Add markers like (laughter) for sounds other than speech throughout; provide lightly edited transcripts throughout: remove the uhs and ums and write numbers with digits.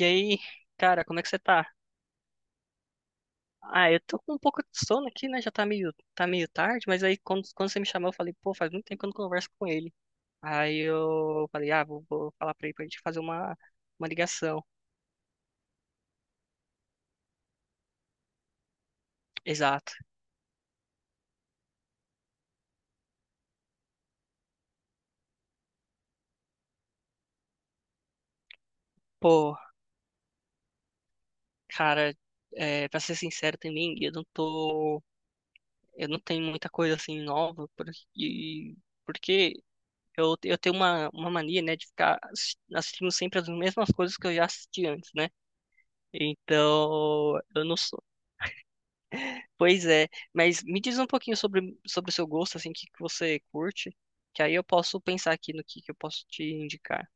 E aí, cara, como é que você tá? Ah, eu tô com um pouco de sono aqui, né? Já tá meio tarde, mas aí quando você me chamou, eu falei, pô, faz muito tempo que eu não converso com ele. Aí eu falei, ah, vou falar pra ele pra gente fazer uma ligação. Exato. Pô, cara, é, pra ser sincero também, eu não tenho muita coisa assim nova, porque eu tenho uma mania, né, de ficar assistindo sempre as mesmas coisas que eu já assisti antes, né? Então, eu não sou. Pois é, mas me diz um pouquinho sobre o seu gosto, assim, o que que você curte, que aí eu posso pensar aqui no que eu posso te indicar.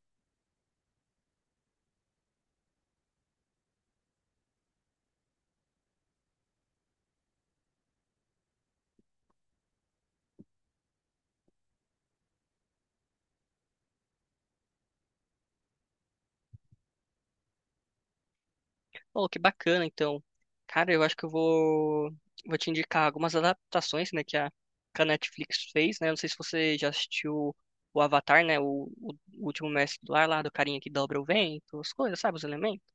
Oh, que bacana, então. Cara, eu acho que eu vou te indicar algumas adaptações, né, que a Netflix fez, né? Eu não sei se você já assistiu o Avatar, né? O último mestre do ar lá, do carinha que dobra o vento, as coisas, sabe? Os elementos.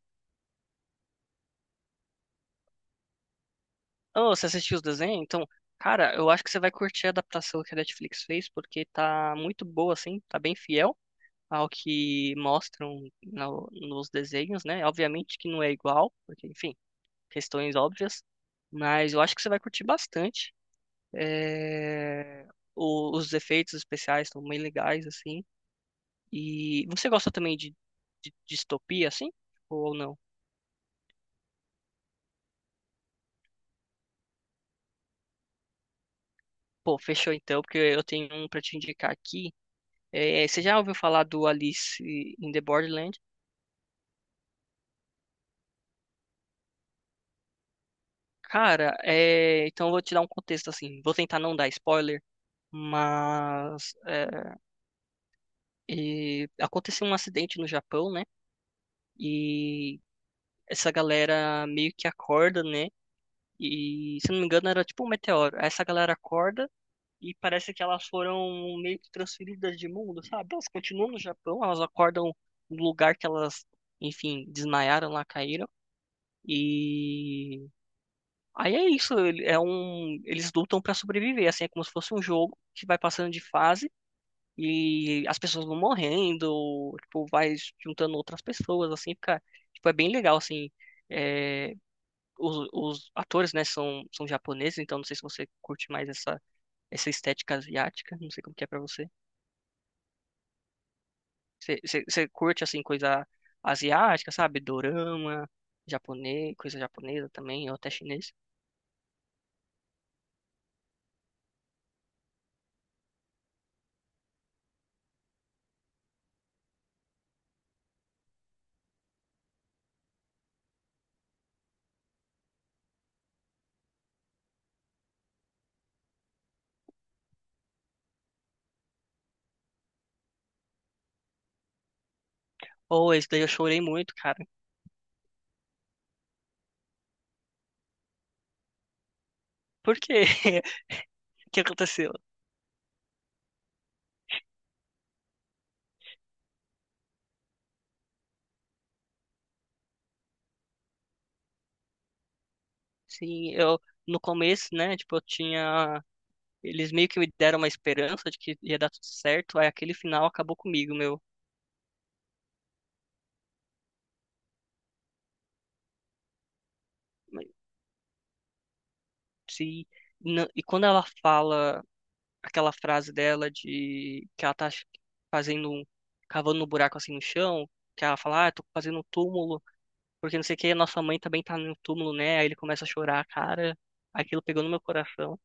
Oh, você assistiu os desenhos? Então, cara, eu acho que você vai curtir a adaptação que a Netflix fez, porque tá muito boa, assim, tá bem fiel ao que mostram nos desenhos, né? Obviamente que não é igual, porque, enfim, questões óbvias. Mas eu acho que você vai curtir bastante. É, os efeitos especiais estão bem legais, assim. E você gosta também de distopia, assim? Ou não? Pô, fechou então, porque eu tenho um pra te indicar aqui. É, você já ouviu falar do Alice in the Borderland? Cara, é, então eu vou te dar um contexto, assim. Vou tentar não dar spoiler, mas é, e aconteceu um acidente no Japão, né? E essa galera meio que acorda, né? E, se não me engano, era tipo um meteoro. Essa galera acorda e parece que elas foram meio que transferidas de mundo, sabe? Elas continuam no Japão, elas acordam no lugar que elas, enfim, desmaiaram lá, caíram. E aí é isso, eles lutam pra sobreviver, assim, é como se fosse um jogo que vai passando de fase e as pessoas vão morrendo, tipo, vai juntando outras pessoas, assim, fica, tipo, é bem legal, assim, é, os atores, né, são japoneses, então não sei se você curte mais essa estética asiática, não sei como que é pra você. Você curte, assim, coisa asiática, sabe? Dorama, japonês, coisa japonesa também, ou até chinês. Ou esse daí eu chorei muito, cara. Por quê? (laughs) O que aconteceu? Sim, eu, no começo, né, tipo, eu tinha. Eles meio que me deram uma esperança de que ia dar tudo certo, aí aquele final acabou comigo, meu. Mas Se, não- e quando ela fala aquela frase dela de que ela tá fazendo um, cavando um buraco assim no chão, que ela fala, ah, tô fazendo um túmulo, porque não sei o que, nossa mãe também tá no túmulo, né? Aí ele começa a chorar, cara, aquilo pegou no meu coração.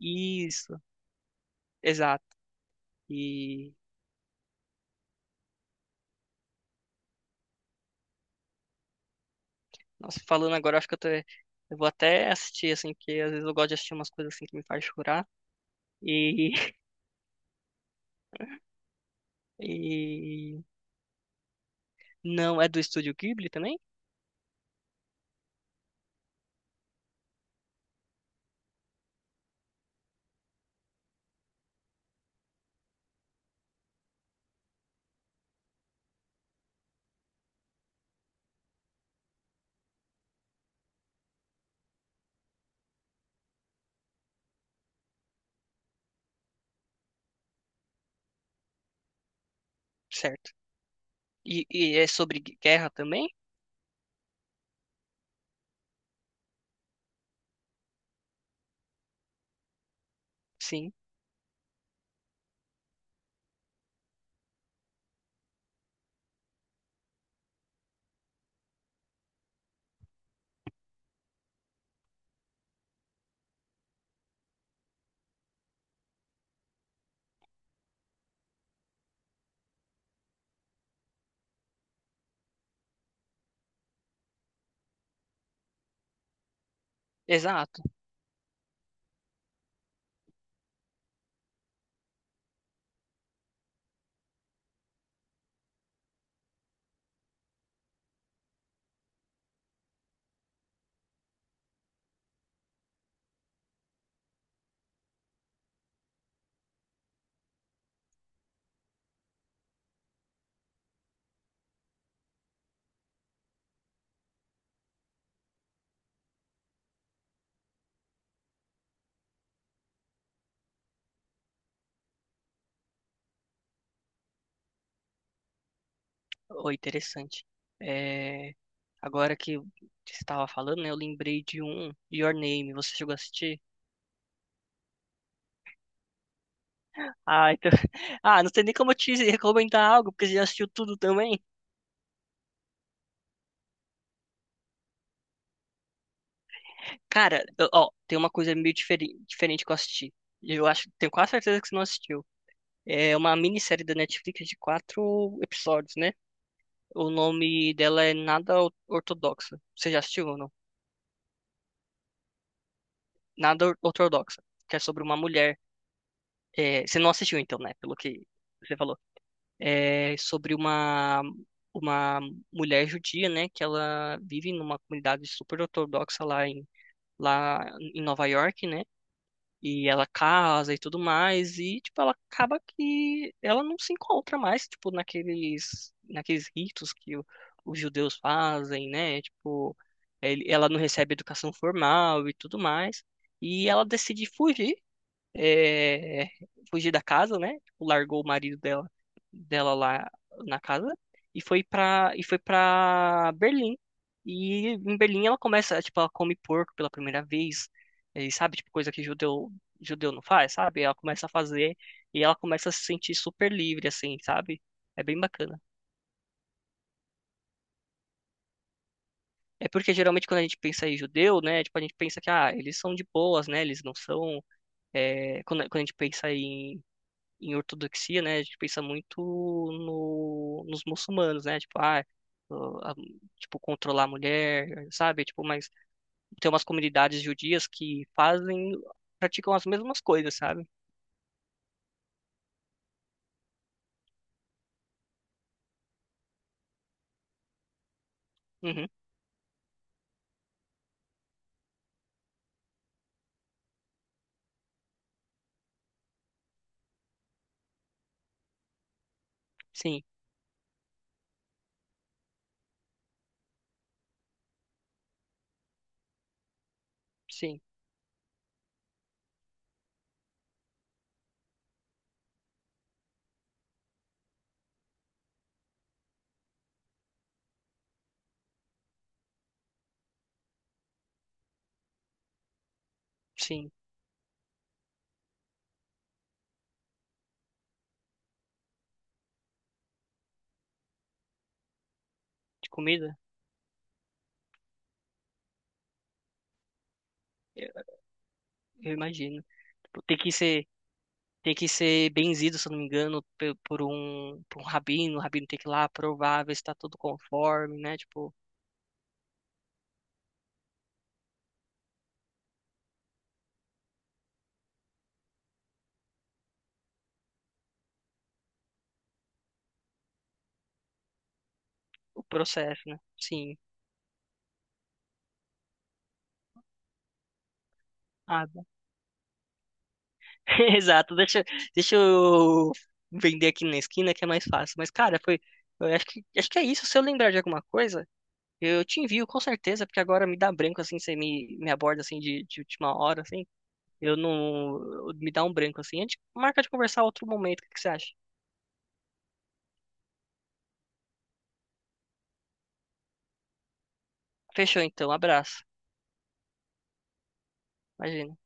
Isso, exato. E, nossa, falando agora, acho que eu vou até assistir, assim, porque às vezes eu gosto de assistir umas coisas assim que me faz chorar. E, (laughs) e, não, é do Estúdio Ghibli também? Certo. E é sobre guerra também? Sim, exato. Oh, interessante. É, agora que você estava falando, né, eu lembrei de um, Your Name, você chegou a assistir? Ah, então. (laughs) Ah, não sei nem como eu te recomendar algo, porque você já assistiu tudo também. Cara, ó, tem uma coisa meio diferente que eu assisti. Eu acho, tenho quase certeza que você não assistiu. É uma minissérie da Netflix de quatro episódios, né? O nome dela é Nada Ortodoxa. Você já assistiu ou não? Nada Ortodoxa, que é sobre uma mulher. É, você não assistiu então, né? Pelo que você falou. É, sobre uma mulher judia, né, que ela vive numa comunidade super ortodoxa lá em Nova York, né, e ela casa e tudo mais, e, tipo, ela acaba que ela não se encontra mais, tipo, naqueles ritos que os judeus fazem, né, tipo, ela não recebe educação formal e tudo mais, e ela decide fugir é, fugir da casa, né? Tipo, largou o marido dela lá na casa e foi pra Berlim. E em Berlim ela começa, tipo, ela come porco pela primeira vez, e sabe, tipo, coisa que judeu, judeu não faz, sabe? Ela começa a fazer e ela começa a se sentir super livre, assim, sabe? É bem bacana. É porque geralmente quando a gente pensa em judeu, né, tipo, a gente pensa que, ah, eles são de boas, né, eles não são, é, quando a gente pensa em ortodoxia, né, a gente pensa muito no, nos muçulmanos, né, tipo, ah, o- a- tipo, controlar a mulher, sabe, tipo, mas tem umas comunidades judias que fazem, praticam as mesmas coisas, sabe? Uhum, sim, sim, sim, de comida, eu, eu imagino. Tipo, tem que ser benzido, se eu não me engano, por um rabino, o rabino tem que ir lá provar, ver se tá tudo conforme, né, tipo, o processo, né, sim. Ah, (laughs) Exato, deixa eu vender aqui na esquina que é mais fácil. Mas, cara, foi. Eu acho que é isso. Se eu lembrar de alguma coisa, eu te envio com certeza, porque agora me dá branco assim, você me aborda assim de última hora, assim. Eu não. Me dá um branco assim. A gente marca de conversar outro momento, o que que você acha? Fechou então, abraço. Imagina.